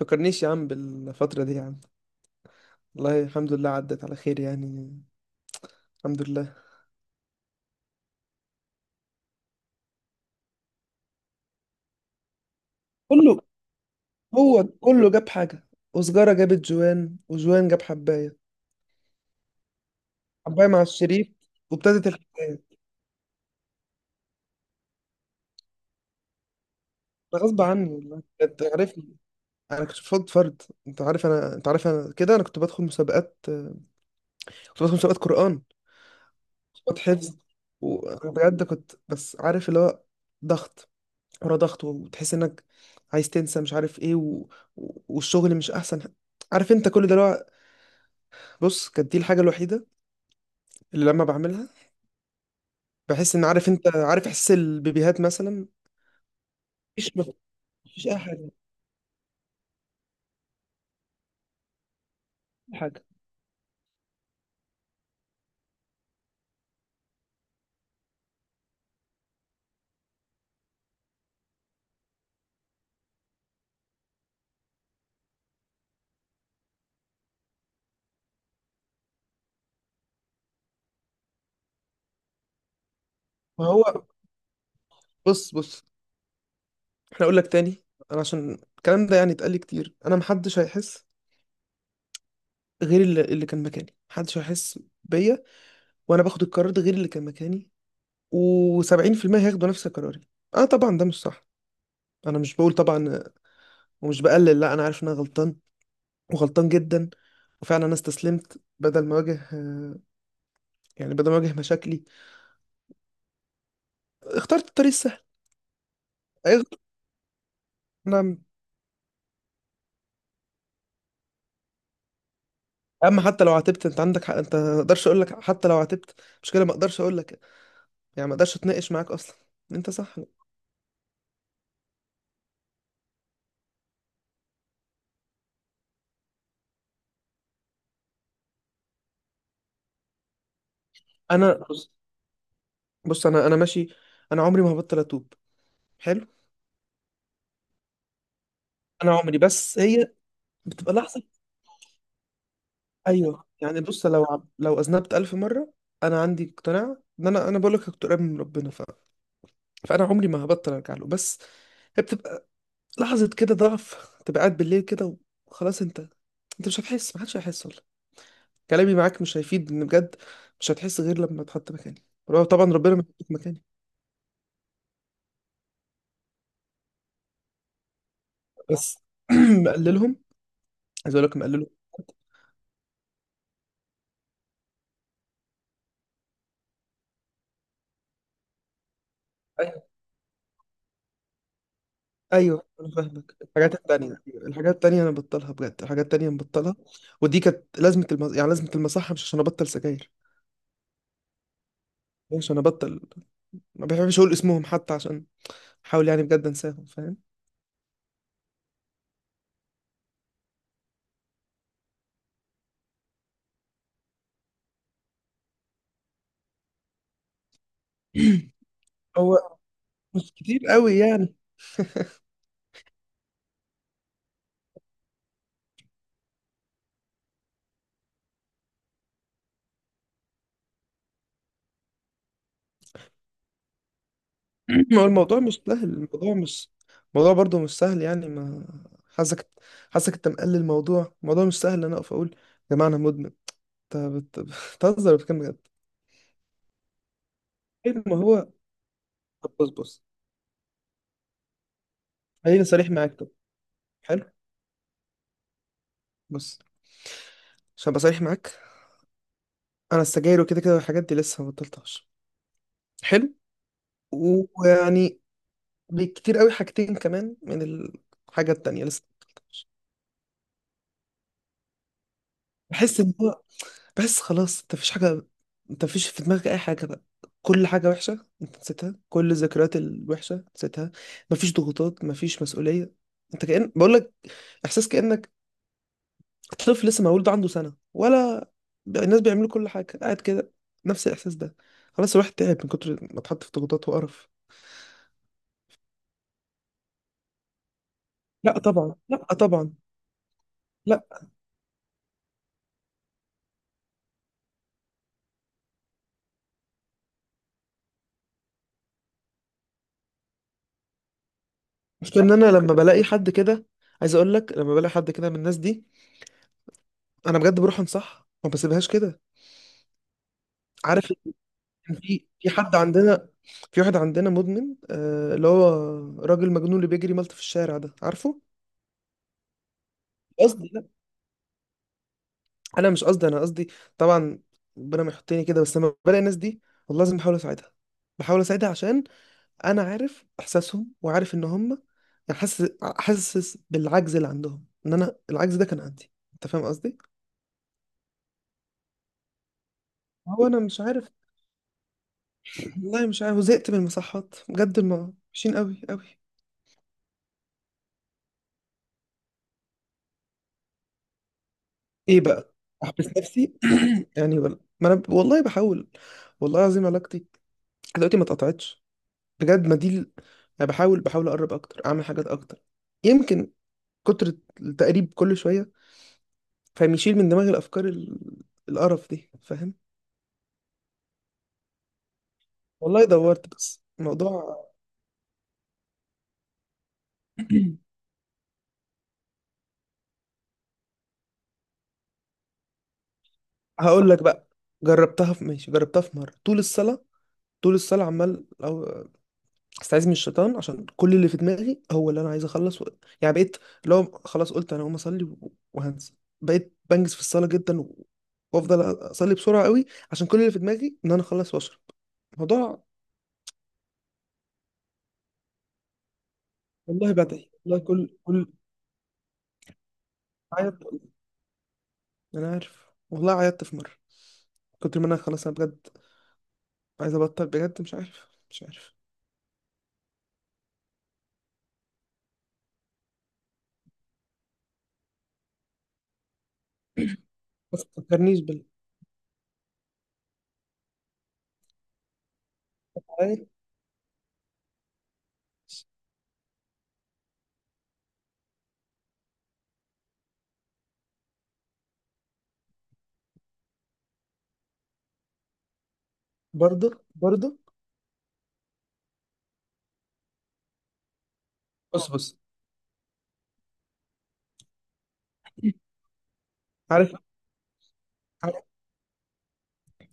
فكرنيش يا عم بالفترة دي يا عم. والله الحمد لله عدت على خير يعني. الحمد لله. كله، هو كله جاب حاجة. وسجارة جابت جوان وجوان جاب حباية. حباية مع الشريف. وابتدت الحكاية. ده غصب عني والله انت عارفني. انا كنت فاض فرد. انت عارف انا كده انا كنت بدخل مسابقات. كنت بدخل مسابقات قرآن. مسابقات حفظ. وبجد كنت بس عارف اللي هو ضغط ورا ضغط، وتحس انك عايز تنسى مش عارف ايه والشغل مش احسن. عارف انت كل ده اللي هو. بص، كانت دي الحاجة الوحيدة اللي لما بعملها بحس ان، عارف انت، عارف احس البيبيهات مثلا. مفيش مفيش اي حاجة. حاجة. ما هو بص. احنا اقول لك تاني. انا عشان الكلام ده يعني اتقال لي كتير، انا محدش هيحس غير اللي كان مكاني. محدش هيحس بيا. وانا باخد القرار ده غير اللي كان مكاني، و70% هياخدوا نفس قراري. انا طبعا ده مش صح. انا مش بقول طبعا ومش بقلل، لا انا عارف ان انا غلطان، وغلطان جدا. وفعلا انا استسلمت بدل ما اواجه، يعني بدل ما اواجه مشاكلي. اخترت الطريق السهل. أيوة. نعم. اما حتى لو عاتبت انت عندك حق، انت ما اقدرش اقول لك حتى لو عاتبت. مش كده، ما اقدرش اقول لك. يعني ما اقدرش اتناقش معاك اصلا. انت صح. انا بص، انا ماشي. انا عمري ما هبطل اتوب. حلو. انا عمري، بس هي بتبقى لحظه. ايوه يعني بص، لو لو اذنبت الف مره، انا عندي اقتناع ان انا بقول لك كنت قريب من ربنا فانا عمري ما هبطل ارجع له. بس هي بتبقى لحظه كده ضعف. تبقى قاعد بالليل كده وخلاص. انت، انت مش هتحس، محدش هيحس. كلامي معاك مش هيفيد، لان بجد مش هتحس غير لما تحط مكاني. طبعا ربنا ما يحطك مكاني. بس مقللهم. عايز اقول لك مقللهم. ايوه، ايوه، انا فاهمك. الحاجات التانية، الحاجات التانية انا ببطلها بجد، الحاجات التانية أنا ببطلها. ودي كانت يعني لازمة المصحة، مش عشان ابطل سجاير. مش عشان ابطل. ما بحبش اقول اسمهم حتى، عشان احاول يعني بجد انساهم، فاهم. هو مش كتير قوي يعني. ما هو الموضوع مش سهل، الموضوع مش... الموضوع برضه مش سهل يعني. ما حاسك حاسك انت مقلل الموضوع، الموضوع مش سهل. انا اقف اقول يا جماعه انا مدمن؟ انت بت- بتهزر وبتتكلم بجد؟ طيب ما هو. طب بص. خليني صريح معاك، طب. حلو. بص، عشان ابقى صريح معاك، انا السجاير وكده كده والحاجات دي لسه ما بطلتهاش. حلو. ويعني بكتير قوي، حاجتين كمان من الحاجه التانية لسه ما بطلتهاش. بحس ان هو، بس خلاص، انت مفيش حاجة. انت مفيش في دماغك اي حاجة بقى. كل حاجة وحشة انت نسيتها، كل الذكريات الوحشة نسيتها. مفيش ضغوطات، مفيش مسؤولية. انت كأن، بقولك احساس كأنك طفل لسه مولود عنده سنة، ولا الناس بيعملوا كل حاجة قاعد كده. نفس الاحساس ده. خلاص الواحد تعب من كتر ما اتحط في ضغوطات وقرف. لا طبعا، لا طبعا. لا، مش ان انا لما بلاقي حد كده. عايز اقول لك لما بلاقي حد كده من الناس دي، انا بجد بروح انصح، ما بسيبهاش كده. عارف. كان في حد عندنا. في واحد عندنا مدمن، اللي هو راجل مجنون اللي بيجري ملط في الشارع ده، عارفه. قصدي لا، انا مش قصدي، انا قصدي طبعا ربنا ما يحطني كده. بس لما بلاقي الناس دي، والله لازم بحاول اساعدها. بحاول اساعدها عشان انا عارف احساسهم، وعارف ان هم، يعني حاسس، حاسس بالعجز اللي عندهم، ان انا العجز ده كان عندي، انت فاهم قصدي. هو انا مش عارف. والله مش عارف، وزهقت من المصحات بجد، وحشين قوي قوي. ايه بقى، احبس نفسي؟ يعني ولا، ما انا والله بحاول. والله العظيم علاقتي دلوقتي ما اتقطعتش بجد. ما دي ال- انا بحاول اقرب اكتر، اعمل حاجات اكتر. يمكن كتر التقريب كل شويه، فاهم، يشيل من دماغي الافكار القرف دي، فاهم. والله دورت، بس الموضوع. هقول لك بقى، جربتها في، ماشي، جربتها في مره. طول الصلاه، طول الصلاه عمال استعيذ من الشيطان، عشان كل اللي في دماغي هو اللي انا عايز اخلص يعني بقيت. لو خلاص قلت انا هقوم اصلي وهنسى. بقيت بنجز في الصلاه جدا وافضل اصلي بسرعه قوي، عشان كل اللي في دماغي ان انا اخلص واشرب الموضوع. والله بدعي والله، كل عيط، انا عارف، والله عيطت في مره. كنت، ما انا خلاص، انا بجد عايز ابطل بجد، مش عارف، مش عارف. بس ما تفكرنيش بال. برضه، برضه. بص، بص. عارف، عارف.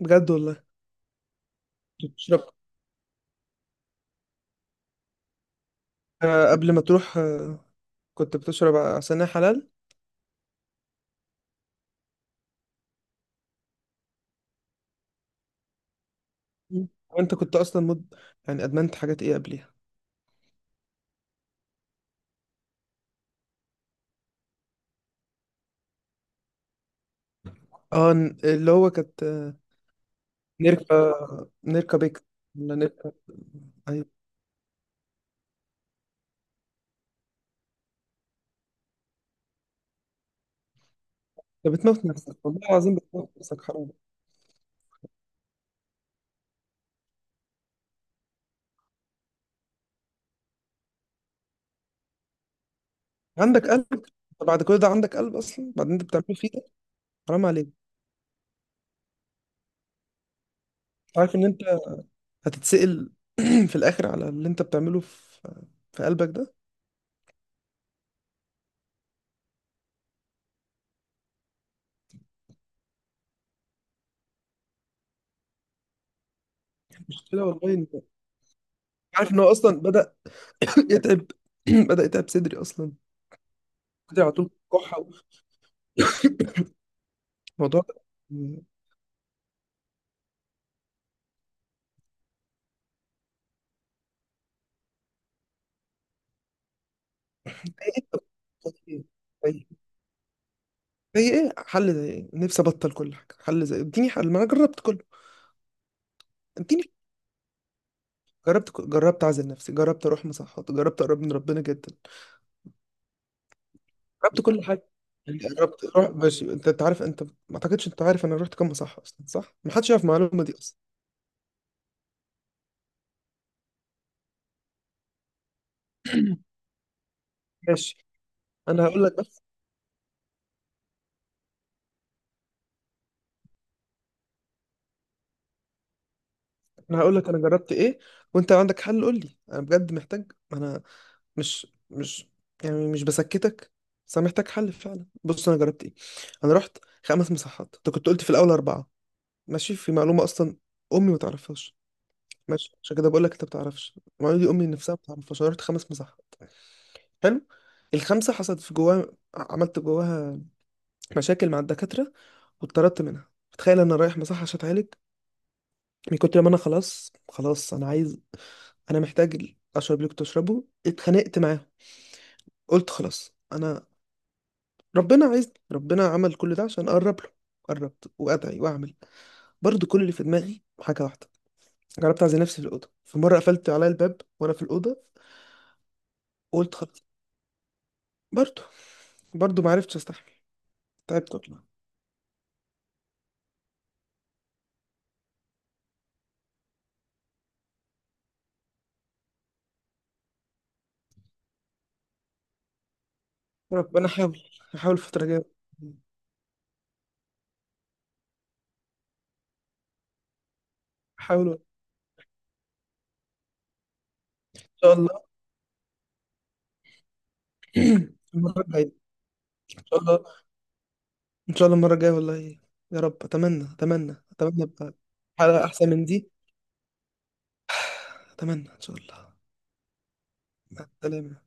بجد والله. بتشرب، قبل ما تروح، كنت بتشرب عصير حلال. وانت كنت اصلا يعني ادمنت حاجات ايه قبليها؟ اه، اللي هو كانت نيركا. نيركا بيك. ولا نيركا. ايوه انت بتموت نفسك، والله العظيم بتموت نفسك، حرام. عندك قلب؟ انت بعد كل ده عندك قلب اصلا؟ بعدين انت بتعمله فيه ده. حرام عليك. انت عارف ان انت هتتسأل في الاخر على اللي انت بتعمله في قلبك ده. مشكله والله انت. عارف ان هو اصلا بدأ يتعب. بدأ يتعب صدري اصلا. صدري على طول كحه، الموضوع ده. إيه؟ زي، ايه حل؟ زي ايه نفسي ابطل كل حاجه؟ حل زي ايه؟ اديني حل، ما انا جربت كله. اديني. جربت جربت اعزل نفسي، جربت اروح مصحات، جربت اقرب من ربنا جدا. جربت كل حاجه. يعني جربت اروح، ماشي، انت، عارف، انت ما اعتقدش انت عارف انا رحت كام مصحه اصلا، صح. ما حدش يعرف المعلومه دي اصلا. ماشي، انا هقول لك بس. انا هقول لك انا جربت ايه، وانت لو عندك حل قول لي، انا بجد محتاج. انا مش يعني مش بسكتك. بس انا محتاج حل فعلا. بص، انا جربت ايه. انا رحت خمس مساحات. انت كنت قلت في الاول اربعه. ماشي، في معلومه اصلا امي ما تعرفهاش. ماشي، عشان كده بقول لك انت ما بتعرفش المعلومه دي، امي نفسها ما تعرفهاش. انا رحت خمس مساحات. حلو. الخمسه حصلت في جواها، عملت جواها مشاكل مع الدكاتره، واتطردت منها. تخيل، انا رايح مساحه عشان اتعالج، من كتر ما انا خلاص، خلاص انا عايز، انا محتاج اشرب اللي كنت اشربه، اتخانقت معاهم. قلت خلاص انا، ربنا عايز، ربنا عمل كل ده عشان اقرب له. قربت وادعي واعمل، برضو كل اللي في دماغي حاجه واحده. جربت اعزل نفسي في الاوضه، في مره قفلت عليا الباب وانا في الاوضه وقلت خلاص. برضو، برضو ما عرفتش استحمل. تعبت والله. ربنا، احاول الفتره الجايه. احاول ان شاء الله. المره الجايه، ان شاء الله. ان شاء الله المره الجايه والله. يا رب، اتمنى اتمنى اتمنى ابقى حلقه احسن من دي. اتمنى ان شاء الله. مع السلامه.